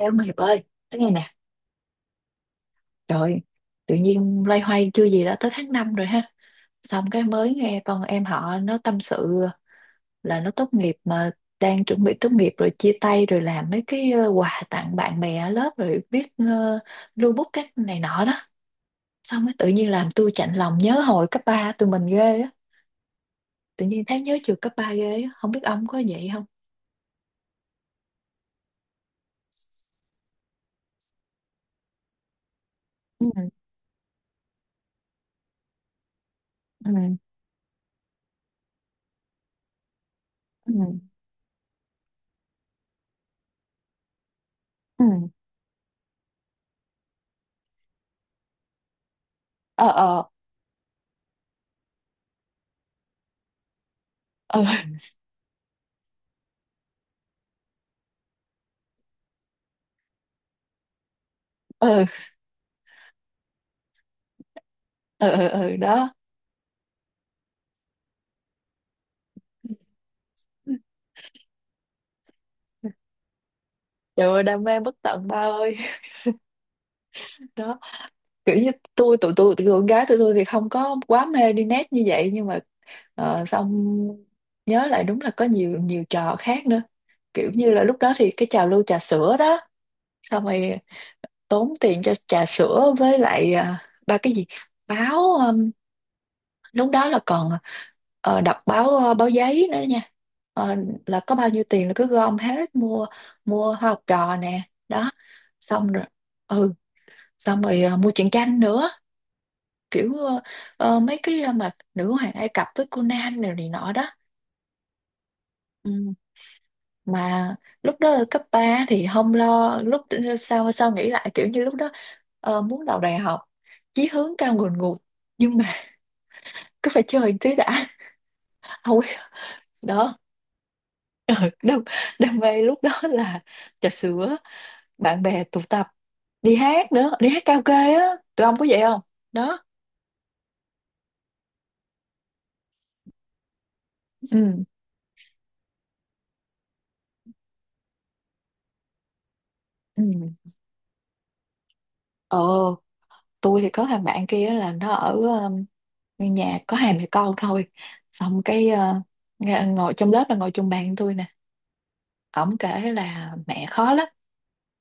Ê ông Hiệp ơi, nói nghe nè, trời, ơi, tự nhiên loay hoay chưa gì đã tới tháng 5 rồi ha. Xong cái mới nghe con em họ nó tâm sự là nó tốt nghiệp mà đang chuẩn bị tốt nghiệp rồi chia tay rồi làm mấy cái quà tặng bạn bè ở lớp rồi viết lưu bút cái này nọ đó. Xong cái tự nhiên làm tôi chạnh lòng nhớ hồi cấp ba tụi mình ghê á. Tự nhiên thấy nhớ trường cấp 3 ghê á, không biết ông có vậy không? Ừ, ừ, ừ, ừ, ờ, ờ, ờ, ờ, ờ ừ, ừ, đó. Trời ơi đam mê bất tận ba ơi. Đó, kiểu như tôi tụi con gái tụi tôi thì không có quá mê đi net như vậy, nhưng mà xong nhớ lại đúng là có nhiều nhiều trò khác nữa, kiểu như là lúc đó thì cái trào lưu trà sữa đó. Xong rồi tốn tiền cho trà sữa với lại à, ba cái gì báo lúc đó là còn đọc báo báo giấy nữa nha. Ờ, là có bao nhiêu tiền là cứ gom hết mua, mua Hoa Học Trò nè đó. Xong rồi ừ xong rồi mua truyện tranh nữa, kiểu mấy cái mà Nữ Hoàng Ai Cập với Conan này, này nọ đó. Ừ. Mà lúc đó ở cấp 3 thì không lo, lúc sau sau nghĩ lại kiểu như lúc đó muốn vào đại học chí hướng cao ngùn ngụt, nhưng mà cứ phải chơi một tí đã, không biết. Đó. Ờ, đam mê lúc đó là trà sữa, bạn bè tụ tập, đi hát nữa, đi hát karaoke á, tụi ông có vậy không đó? Ừ ừ ờ, tôi thì có thằng bạn kia là nó ở nhà có hai mẹ con thôi. Xong cái ờ, ngồi trong lớp là ngồi chung bàn với tôi nè, ổng kể là mẹ khó lắm.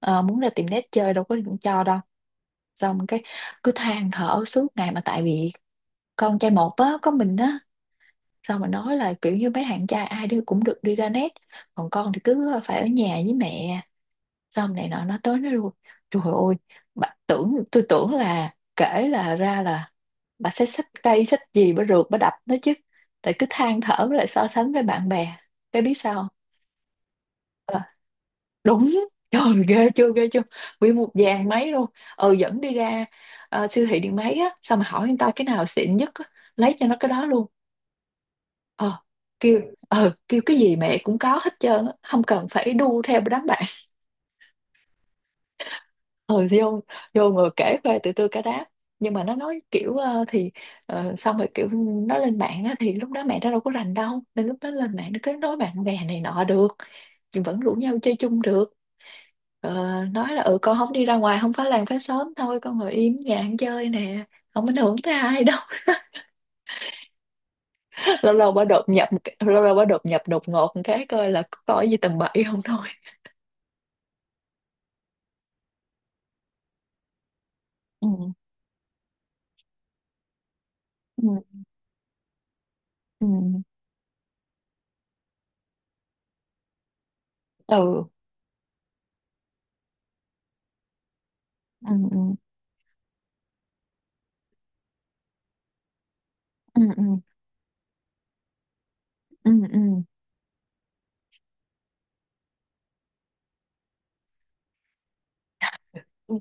Ờ, muốn ra tiệm nét chơi đâu có cho đâu. Xong cái cứ than thở suốt ngày, mà tại vì con trai một á, có mình á. Xong mà nói là kiểu như mấy thằng trai ai đi cũng được đi ra nét, còn con thì cứ phải ở nhà với mẹ, xong này nọ, nó tới nó luôn. Trời ơi, bà tưởng, tôi tưởng là kể là ra là bà sẽ xách cây xách gì bà rượt bà đập nó chứ, tại cứ than thở với lại so sánh với bạn bè. Cái biết sao không? Ờ, đúng, trời, ghê chưa ghê chưa, nguyên một dàn máy luôn. Ừ dẫn đi ra ờ, siêu thị điện máy á, xong mà hỏi người ta cái nào xịn nhất á, lấy cho nó cái đó luôn. Ờ kêu, ờ kêu cái gì mẹ cũng có hết trơn á, không cần phải đu theo đám bạn. Ờ vô, vô ngồi kể khoe từ từ cả đám. Nhưng mà nó nói kiểu xong rồi kiểu nó lên mạng á, thì lúc đó mẹ nó đâu có rành đâu, nên lúc đó lên mạng nó kết nối bạn bè này nọ được, nhưng vẫn rủ nhau chơi chung được. Ờ, nói là ừ con không đi ra ngoài không phá làng phá xóm thôi, con ngồi im nhà ăn chơi nè, không ảnh hưởng tới ai đâu. lâu lâu bà đột nhập một cái- Lâu lâu bà đột nhập đột ngột một cái coi là có gì tầm bậy không thôi. Ừ ừ ừ ừ ừ ừ ừ ừ ừ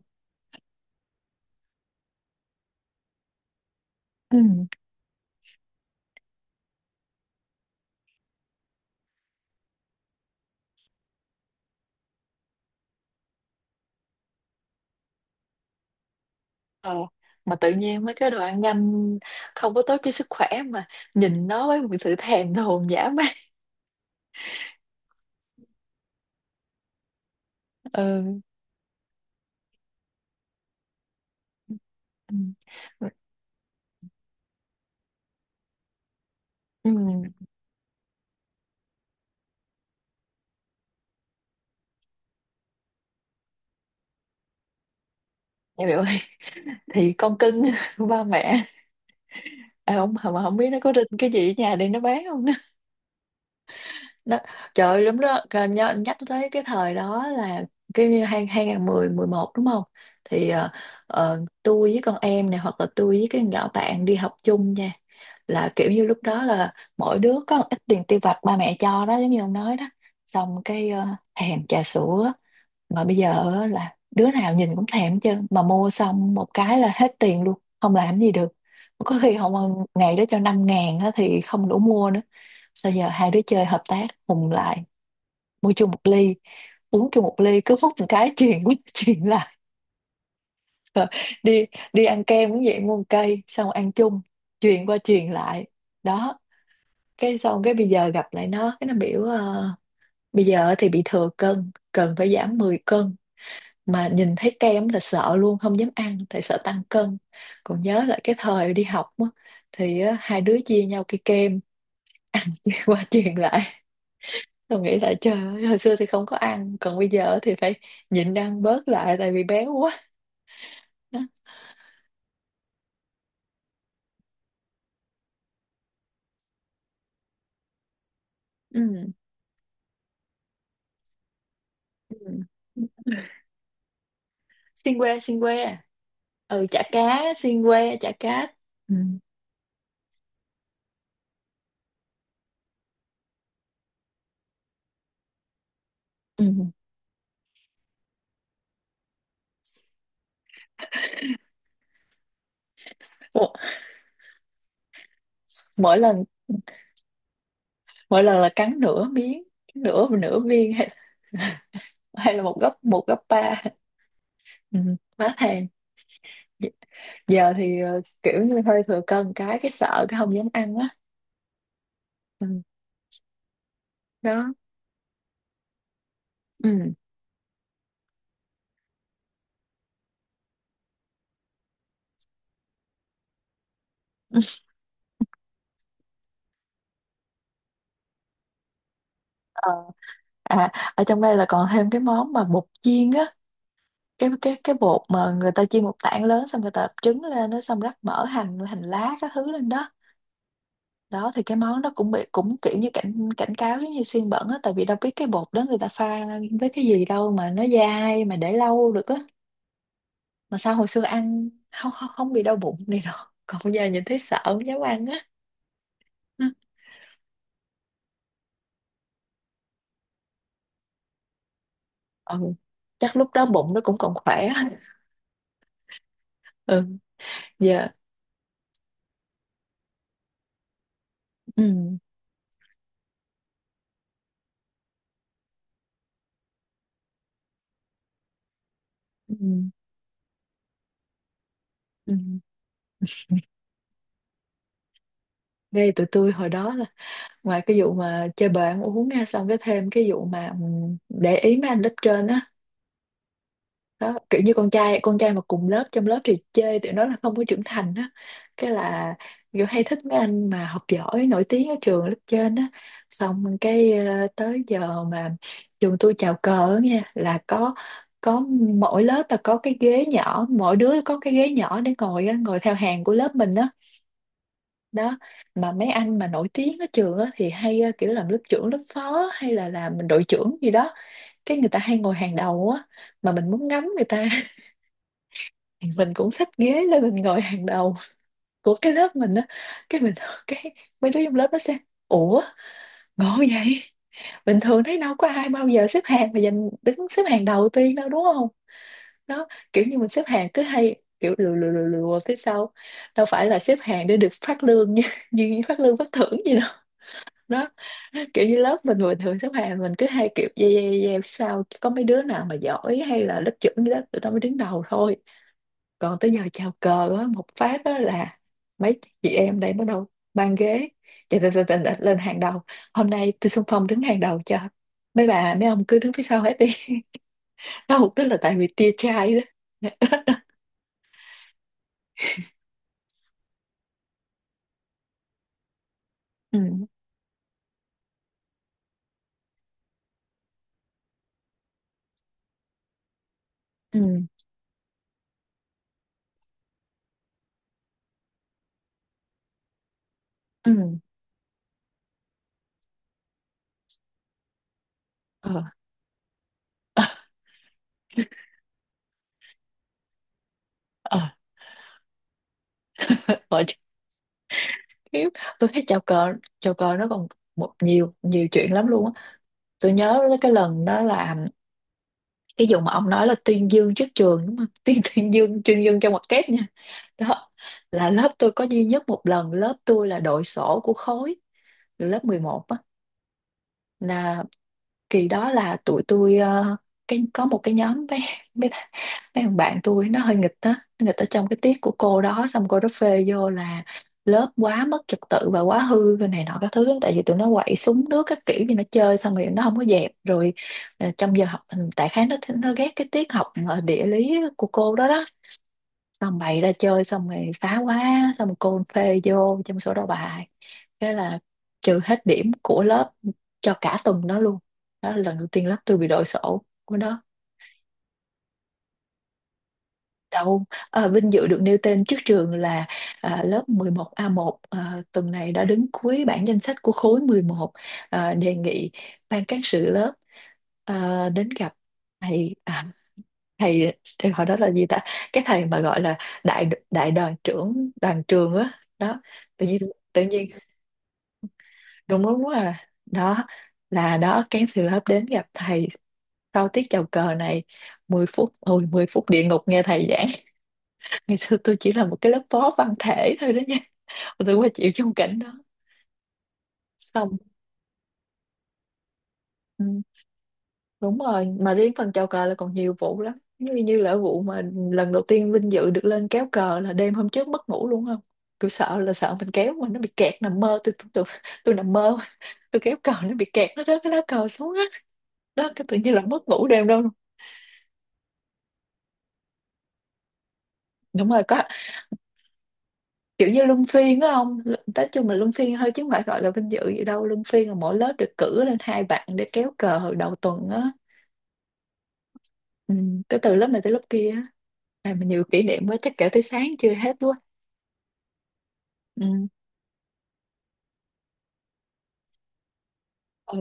ừ. Ờ, mà tự nhiên mấy cái đồ ăn nhanh không có tốt cho sức khỏe, mà nhìn nó với một sự thèm thuồng dã man. Ừ. Ừ. Ừ. Dạ biểu ơi, thì con cưng của ba mẹ. À, không mà không biết nó có rinh cái gì ở nhà để nó bán không. Đó. Trời ơi, đúng đó. Rồi nhắc tới cái thời đó là cái như hai hai nghìn mười mười một đúng không thì tôi với con em này hoặc là tôi với cái nhỏ bạn đi học chung nha, là kiểu như lúc đó là mỗi đứa có một ít tiền tiêu vặt ba mẹ cho đó, giống như ông nói đó. Xong cái ờ, thèm trà sữa, mà bây giờ á là đứa nào nhìn cũng thèm, chứ mà mua xong một cái là hết tiền luôn không làm gì được có khi không. Ngày đó cho 5.000 á thì không đủ mua nữa, sao giờ hai đứa chơi hợp tác hùng lại, mua chung một ly, uống chung một ly, cứ hút một cái chuyền qua chuyền lại. Rồi đi, đi ăn kem cũng vậy, mua một cây xong ăn chung, chuyền qua chuyền lại đó. Cái xong cái bây giờ gặp lại nó, cái nó biểu ờ, bây giờ thì bị thừa cân, cần phải giảm 10 cân, mà nhìn thấy kem là sợ luôn không dám ăn tại sợ tăng cân. Còn nhớ lại cái thời đi học á, thì á, hai đứa chia nhau cái kem ăn qua truyền lại. Tôi nghĩ là trời ơi, hồi xưa thì không có ăn, còn bây giờ thì phải nhịn ăn bớt lại tại vì béo quá. Đó. Ừ. Ừ. Xiên que, xiên que. Ừ chả cá xiên que chả cá. Ừ. Ừ. Ủa, mỗi lần, mỗi lần là cắn nửa miếng, nửa nửa viên hay, hay là một gấp, một gấp ba? Ừ. Má thèm, giờ thì ờ, kiểu như hơi thừa cân cái sợ cái không dám ăn á. Ừ. Đó. Ừ. Ờ, à ở trong đây là còn thêm cái món mà bột chiên á, cái bột mà người ta chiên một tảng lớn, xong người ta đập trứng lên nó, xong rắc mỡ hành, hành lá các thứ lên đó đó. Thì cái món đó cũng bị cũng kiểu như cảnh cảnh cáo giống như xiên bẩn á, tại vì đâu biết cái bột đó người ta pha với cái gì đâu, mà nó dai mà để lâu được á. Mà sao hồi xưa ăn không không không bị đau bụng này đâu, còn bây giờ nhìn thấy sợ không dám ăn á. Ừ. Chắc lúc đó bụng nó cũng còn khỏe á. Ừ giờ ừ. Ừ. Ừ. Ngay tụi tôi hồi đó là ngoài cái vụ mà chơi bời ăn uống nha, xong cái thêm cái vụ mà ừ, để ý mấy anh lớp trên á. Đó kiểu như con trai mà cùng lớp, trong lớp thì chê tụi nó là không có trưởng thành á. Cái là kiểu hay thích mấy anh mà học giỏi nổi tiếng ở trường lớp trên á. Xong cái ờ, tới giờ mà trường tôi chào cờ á nha là có mỗi lớp là có cái ghế nhỏ, mỗi đứa có cái ghế nhỏ để ngồi á, ngồi theo hàng của lớp mình á đó. Mà mấy anh mà nổi tiếng ở trường á thì hay ờ, kiểu làm lớp trưởng lớp phó hay là làm đội trưởng gì đó, cái người ta hay ngồi hàng đầu á. Mà mình muốn ngắm người ta thì mình cũng xách ghế lên mình ngồi hàng đầu của cái lớp mình á. Cái mình cái Mấy đứa trong lớp nó xem, ủa ngộ vậy, bình thường thấy đâu có ai bao giờ xếp hàng mà giành đứng xếp hàng đầu tiên đâu đúng không. Nó kiểu như mình xếp hàng cứ hay kiểu lừa lừa lừa lừa phía sau, đâu phải là xếp hàng để được phát lương như, như phát lương phát thưởng gì đâu. Đó kiểu như lớp mình bình thường xếp hàng mình cứ hay kiểu yeah, yeah, yeah, phía sau, có mấy đứa nào mà giỏi hay là lớp trưởng gì đó tụi nó mới đứng đầu thôi. Còn tới giờ chào cờ á, một phát á là mấy chị em đây bắt đầu bàn ghế chạy chạy chạy lên hàng đầu, hôm nay tôi xung phong đứng hàng đầu cho, mấy bà mấy ông cứ đứng phía sau hết đi. Đó mục đích là tại vì tia chai đó. Ừ ừ ừ ờ ờ ờ chắc khiếp. Tôi thấy chào cờ, chào cờ nó còn một nhiều nhiều chuyện lắm luôn á. Tôi nhớ là cái lần đó là cái vụ mà ông nói là tuyên dương trước trường đúng không, tuyên tuyên dương trong mặt kép nha. Đó là lớp tôi có duy nhất một lần lớp tôi là đội sổ của khối từ lớp 11 á, là kỳ đó là tụi tôi ờ, cái có một cái nhóm mấy mấy thằng bạn tôi nó hơi nghịch á, nó nghịch ở trong cái tiết của cô đó, xong cô đó phê vô là lớp quá mất trật tự và quá hư cái này nọ các thứ, tại vì tụi nó quậy súng nước các kiểu như nó chơi xong rồi nó không có dẹp rồi ờ, trong giờ học tại khá nó ghét cái tiết học ờ, địa lý của cô đó đó. Xong bày ra chơi xong rồi phá quá, xong rồi cô phê vô trong sổ đầu bài, thế là trừ hết điểm của lớp cho cả tuần đó luôn. Đó là lần đầu tiên lớp tôi bị đội sổ của nó đâu. À, vinh dự được nêu tên trước trường là à, lớp 11A1 à, tuần này đã đứng cuối bảng danh sách của khối 11, à, đề nghị ban cán sự lớp à, đến gặp thầy à, thầy thầy hồi đó là gì ta, cái thầy mà gọi là đại đại đoàn trưởng đoàn trường á đó. Tự nhiên, tự nhiên đúng đúng à đó là đó cancel lớp đến gặp thầy sau tiết chào cờ này, 10 phút, ôi 10 phút địa ngục nghe thầy giảng. Ngày xưa tôi chỉ là một cái lớp phó văn thể thôi đó nha, tôi qua chịu trong cảnh đó. Xong ừ. Đúng rồi, mà riêng phần chào cờ là còn nhiều vụ lắm. Như như là vụ mà lần đầu tiên vinh dự được lên kéo cờ là đêm hôm trước mất ngủ luôn không? Tôi sợ là sợ mình kéo mà nó bị kẹt, nằm mơ tôi nằm mơ tôi kéo cờ nó bị kẹt nó rớt cái lá cờ xuống á. Đó cái tự nhiên là mất ngủ đêm đâu. Đúng rồi có, kiểu như luân phiên á không? Nói chung là luân phiên thôi chứ không phải gọi là vinh dự gì đâu. Luân phiên là mỗi lớp được cử lên 2 bạn để kéo cờ hồi đầu tuần á. Ừ, cái từ lớp này tới lớp kia á. À, mà nhiều kỷ niệm quá chắc kể tới sáng chưa hết quá. Ừ. Ừ.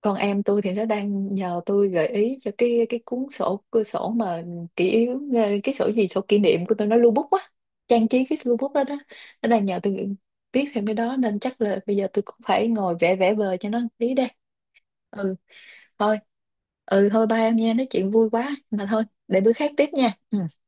Còn em tôi thì nó đang nhờ tôi gợi ý cho cái cuốn sổ, cái sổ mà kỷ yếu ờ, cái sổ gì sổ kỷ niệm của tôi, nó lưu bút á, trang trí cái lưu bút đó đó. Nó đang nhờ tôi viết thêm cái đó nên chắc là bây giờ tôi cũng phải ngồi vẽ vẽ vời cho nó tí đây. Ừ thôi, ừ thôi ba em nha, nói chuyện vui quá mà thôi để bữa khác tiếp nha ừ.